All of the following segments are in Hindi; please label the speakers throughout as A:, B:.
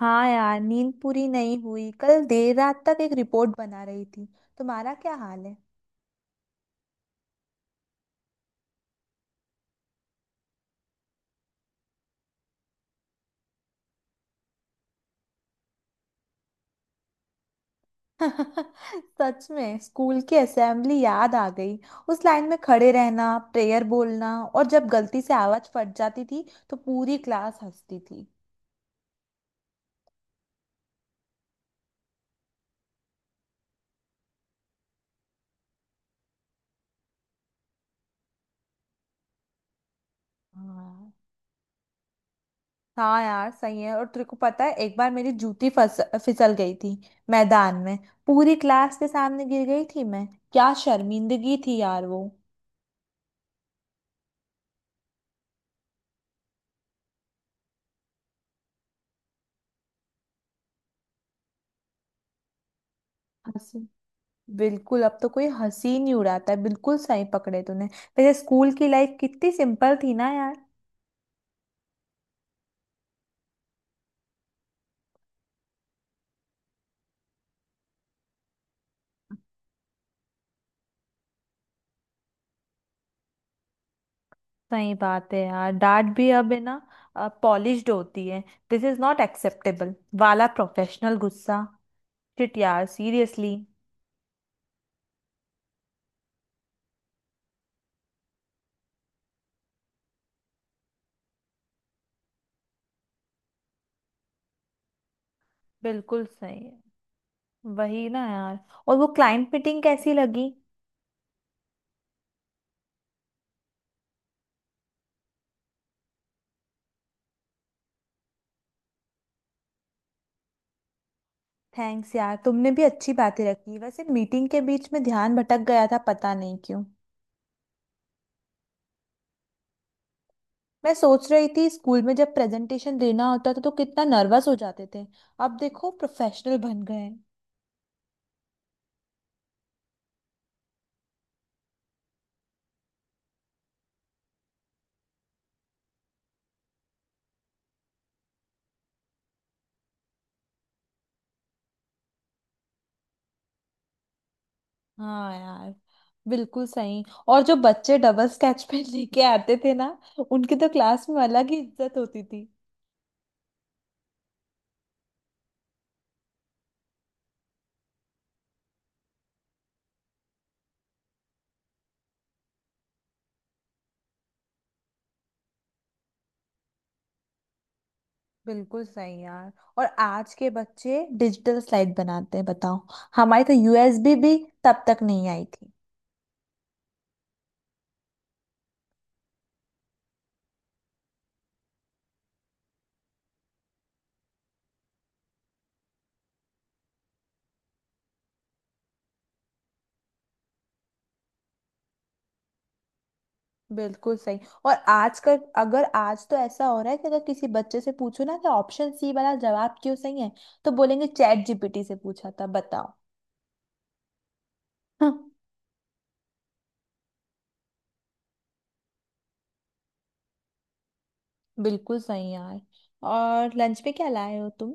A: हाँ यार, नींद पूरी नहीं हुई। कल देर रात तक एक रिपोर्ट बना रही थी। तुम्हारा क्या हाल है? सच में स्कूल की असेंबली याद आ गई। उस लाइन में खड़े रहना, प्रेयर बोलना, और जब गलती से आवाज फट जाती थी तो पूरी क्लास हंसती थी। हाँ, हाँ यार सही है। और तेरे को पता है, एक बार मेरी जूती फस फिसल गई थी मैदान में। पूरी क्लास के सामने गिर गई थी मैं। क्या शर्मिंदगी थी यार वो। हंसी? बिल्कुल, अब तो कोई हंसी ही नहीं उड़ाता है। बिल्कुल सही पकड़े तूने। पहले स्कूल की लाइफ कितनी सिंपल थी ना यार। सही बात है यार, डांट भी अब है ना, पॉलिश्ड होती है। दिस इज नॉट एक्सेप्टेबल वाला प्रोफेशनल गुस्सा। शिट यार, सीरियसली। बिल्कुल सही है। वही ना यार। और वो क्लाइंट मीटिंग कैसी लगी? थैंक्स यार, तुमने भी अच्छी बातें रखी। वैसे मीटिंग के बीच में ध्यान भटक गया था, पता नहीं क्यों। मैं सोच रही थी, स्कूल में जब प्रेजेंटेशन देना होता था तो कितना नर्वस हो जाते थे। अब देखो, प्रोफेशनल बन गए हैं। हाँ यार, बिल्कुल सही। और जो बच्चे डबल स्केच पेन लेके आते थे ना, उनकी तो क्लास में अलग ही इज्जत होती थी। बिल्कुल सही यार। और आज के बच्चे डिजिटल स्लाइड बनाते हैं, बताओ। हमारी तो यूएसबी भी तब तक नहीं आई थी। बिल्कुल सही। और आज का, अगर आज तो ऐसा हो रहा है कि अगर किसी बच्चे से पूछो ना कि ऑप्शन सी वाला जवाब क्यों सही है, तो बोलेंगे चैट जीपीटी से पूछा था, बताओ। हाँ। बिल्कुल सही यार। और लंच में क्या लाए हो तुम?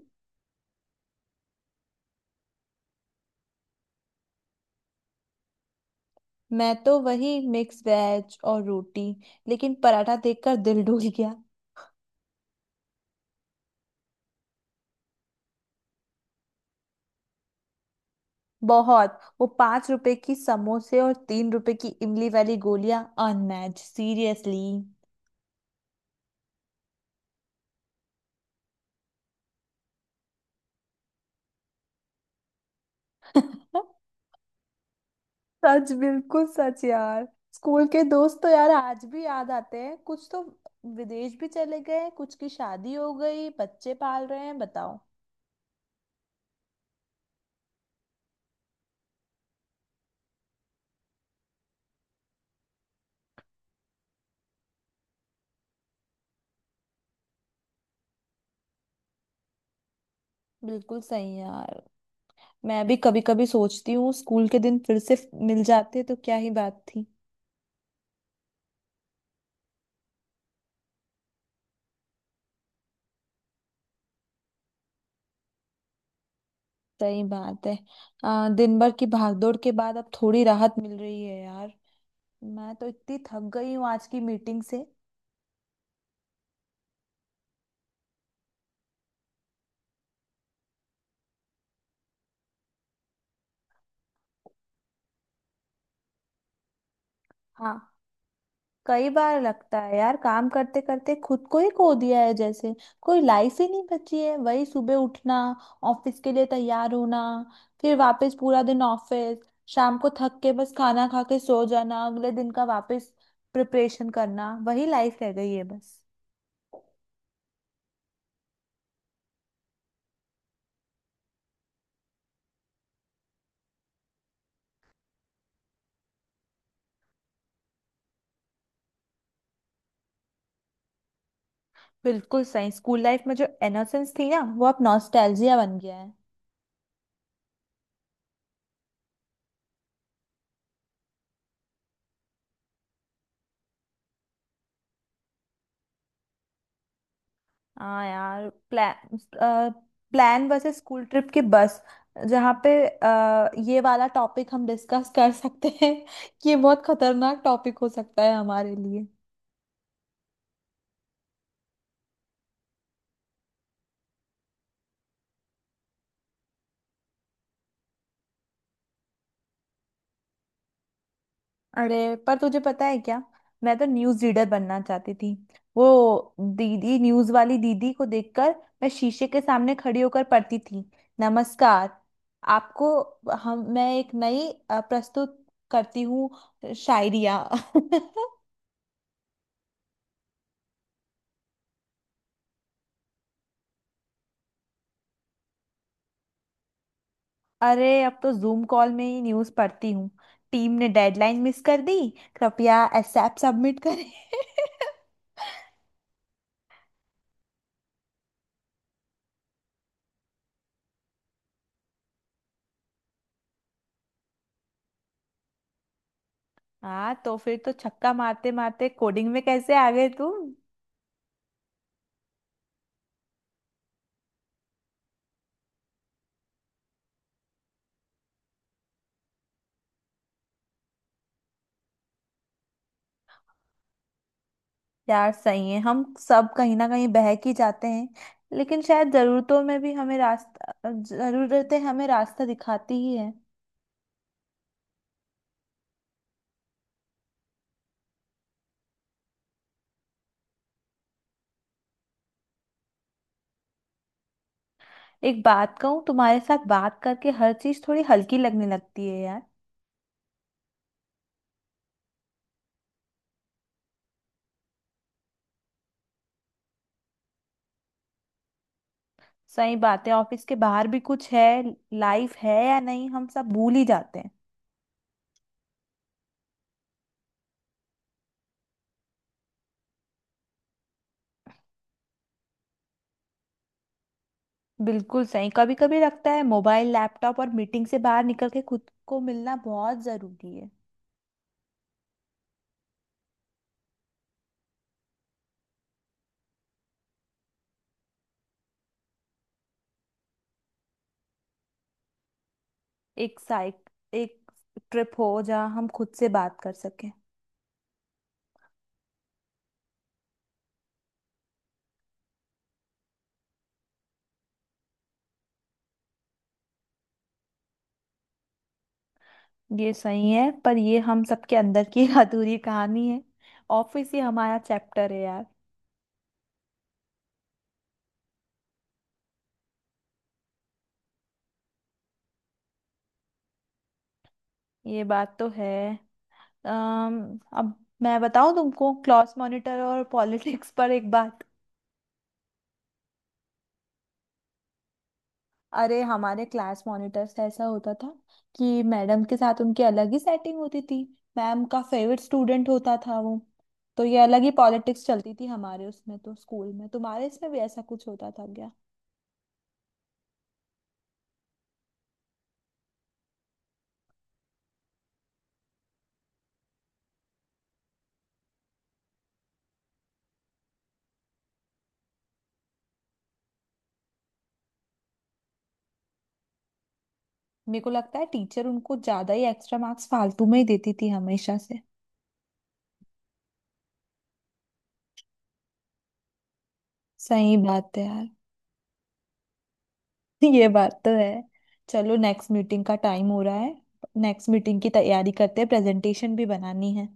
A: मैं तो वही मिक्स वेज और रोटी। लेकिन पराठा देखकर दिल डूल गया। बहुत। वो 5 रुपए की समोसे और 3 रुपए की इमली वाली गोलियां। Unmatch, seriously. सच, बिल्कुल सच यार। स्कूल के दोस्त तो यार आज भी याद आते हैं। कुछ तो विदेश भी चले गए, कुछ की शादी हो गई, बच्चे पाल रहे हैं, बताओ। बिल्कुल सही यार। मैं भी कभी कभी सोचती हूँ, स्कूल के दिन फिर से मिल जाते तो क्या ही बात थी। सही बात है। दिन भर की भागदौड़ के बाद अब थोड़ी राहत मिल रही है यार। मैं तो इतनी थक गई हूँ आज की मीटिंग से। हाँ। कई बार लगता है यार, काम करते करते खुद को ही खो दिया है जैसे। कोई लाइफ ही नहीं बची है। वही सुबह उठना, ऑफिस के लिए तैयार होना, फिर वापस पूरा दिन ऑफिस, शाम को थक के बस खाना खा के सो जाना, अगले दिन का वापस प्रिपरेशन करना। वही लाइफ रह गई है बस। बिल्कुल सही। स्कूल लाइफ में जो इनोसेंस थी ना, वो अब नॉस्टैल्जिया बन गया है। हाँ यार, प्लान प्लान वैसे स्कूल ट्रिप की बस, जहाँ पे ये वाला टॉपिक हम डिस्कस कर सकते हैं कि ये बहुत खतरनाक टॉपिक हो सकता है हमारे लिए। अरे पर तुझे पता है क्या, मैं तो न्यूज़ रीडर बनना चाहती थी। वो दीदी, न्यूज़ वाली दीदी को देखकर मैं शीशे के सामने खड़ी होकर पढ़ती थी। नमस्कार, आपको हम, मैं एक नई प्रस्तुत करती हूँ, शायरिया। अरे अब तो जूम कॉल में ही न्यूज़ पढ़ती हूँ। टीम ने डेडलाइन मिस कर दी, कृपया एसएप सबमिट करें। हाँ, तो फिर तो छक्का मारते मारते कोडिंग में कैसे आ गए तुम? यार सही है, हम सब कहीं ना कहीं बहक ही जाते हैं। लेकिन शायद जरूरतों में भी हमें रास्ता, जरूरतें हमें रास्ता दिखाती ही है। एक बात कहूँ, तुम्हारे साथ बात करके हर चीज थोड़ी हल्की लगने लगती है यार। सही बात है, ऑफिस के बाहर भी कुछ है, लाइफ है या नहीं, हम सब भूल ही जाते हैं। बिल्कुल सही, कभी कभी लगता है मोबाइल, लैपटॉप और मीटिंग से बाहर निकल के खुद को मिलना बहुत जरूरी है। एक ट्रिप हो जहाँ हम खुद से बात कर सकें। ये सही है, पर ये हम सबके अंदर की एक अधूरी कहानी है। ऑफिस ही हमारा चैप्टर है यार। ये बात तो है। अम अब मैं बताऊं तुमको, क्लास मॉनिटर और पॉलिटिक्स पर एक बात। अरे हमारे क्लास मॉनिटर से ऐसा होता था कि मैडम के साथ उनकी अलग ही सेटिंग होती थी। मैम का फेवरेट स्टूडेंट होता था वो। तो ये अलग ही पॉलिटिक्स चलती थी हमारे उसमें, तो स्कूल में तुम्हारे इसमें भी ऐसा कुछ होता था क्या? मेरे को लगता है टीचर उनको ज्यादा ही एक्स्ट्रा मार्क्स फालतू में ही देती थी हमेशा से। सही बात है यार। ये बात तो है। चलो, नेक्स्ट मीटिंग का टाइम हो रहा है, नेक्स्ट मीटिंग की तैयारी करते हैं, प्रेजेंटेशन भी बनानी है।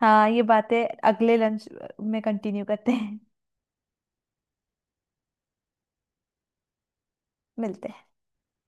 A: हाँ, ये बातें अगले लंच में कंटिन्यू करते हैं। मिलते हैं।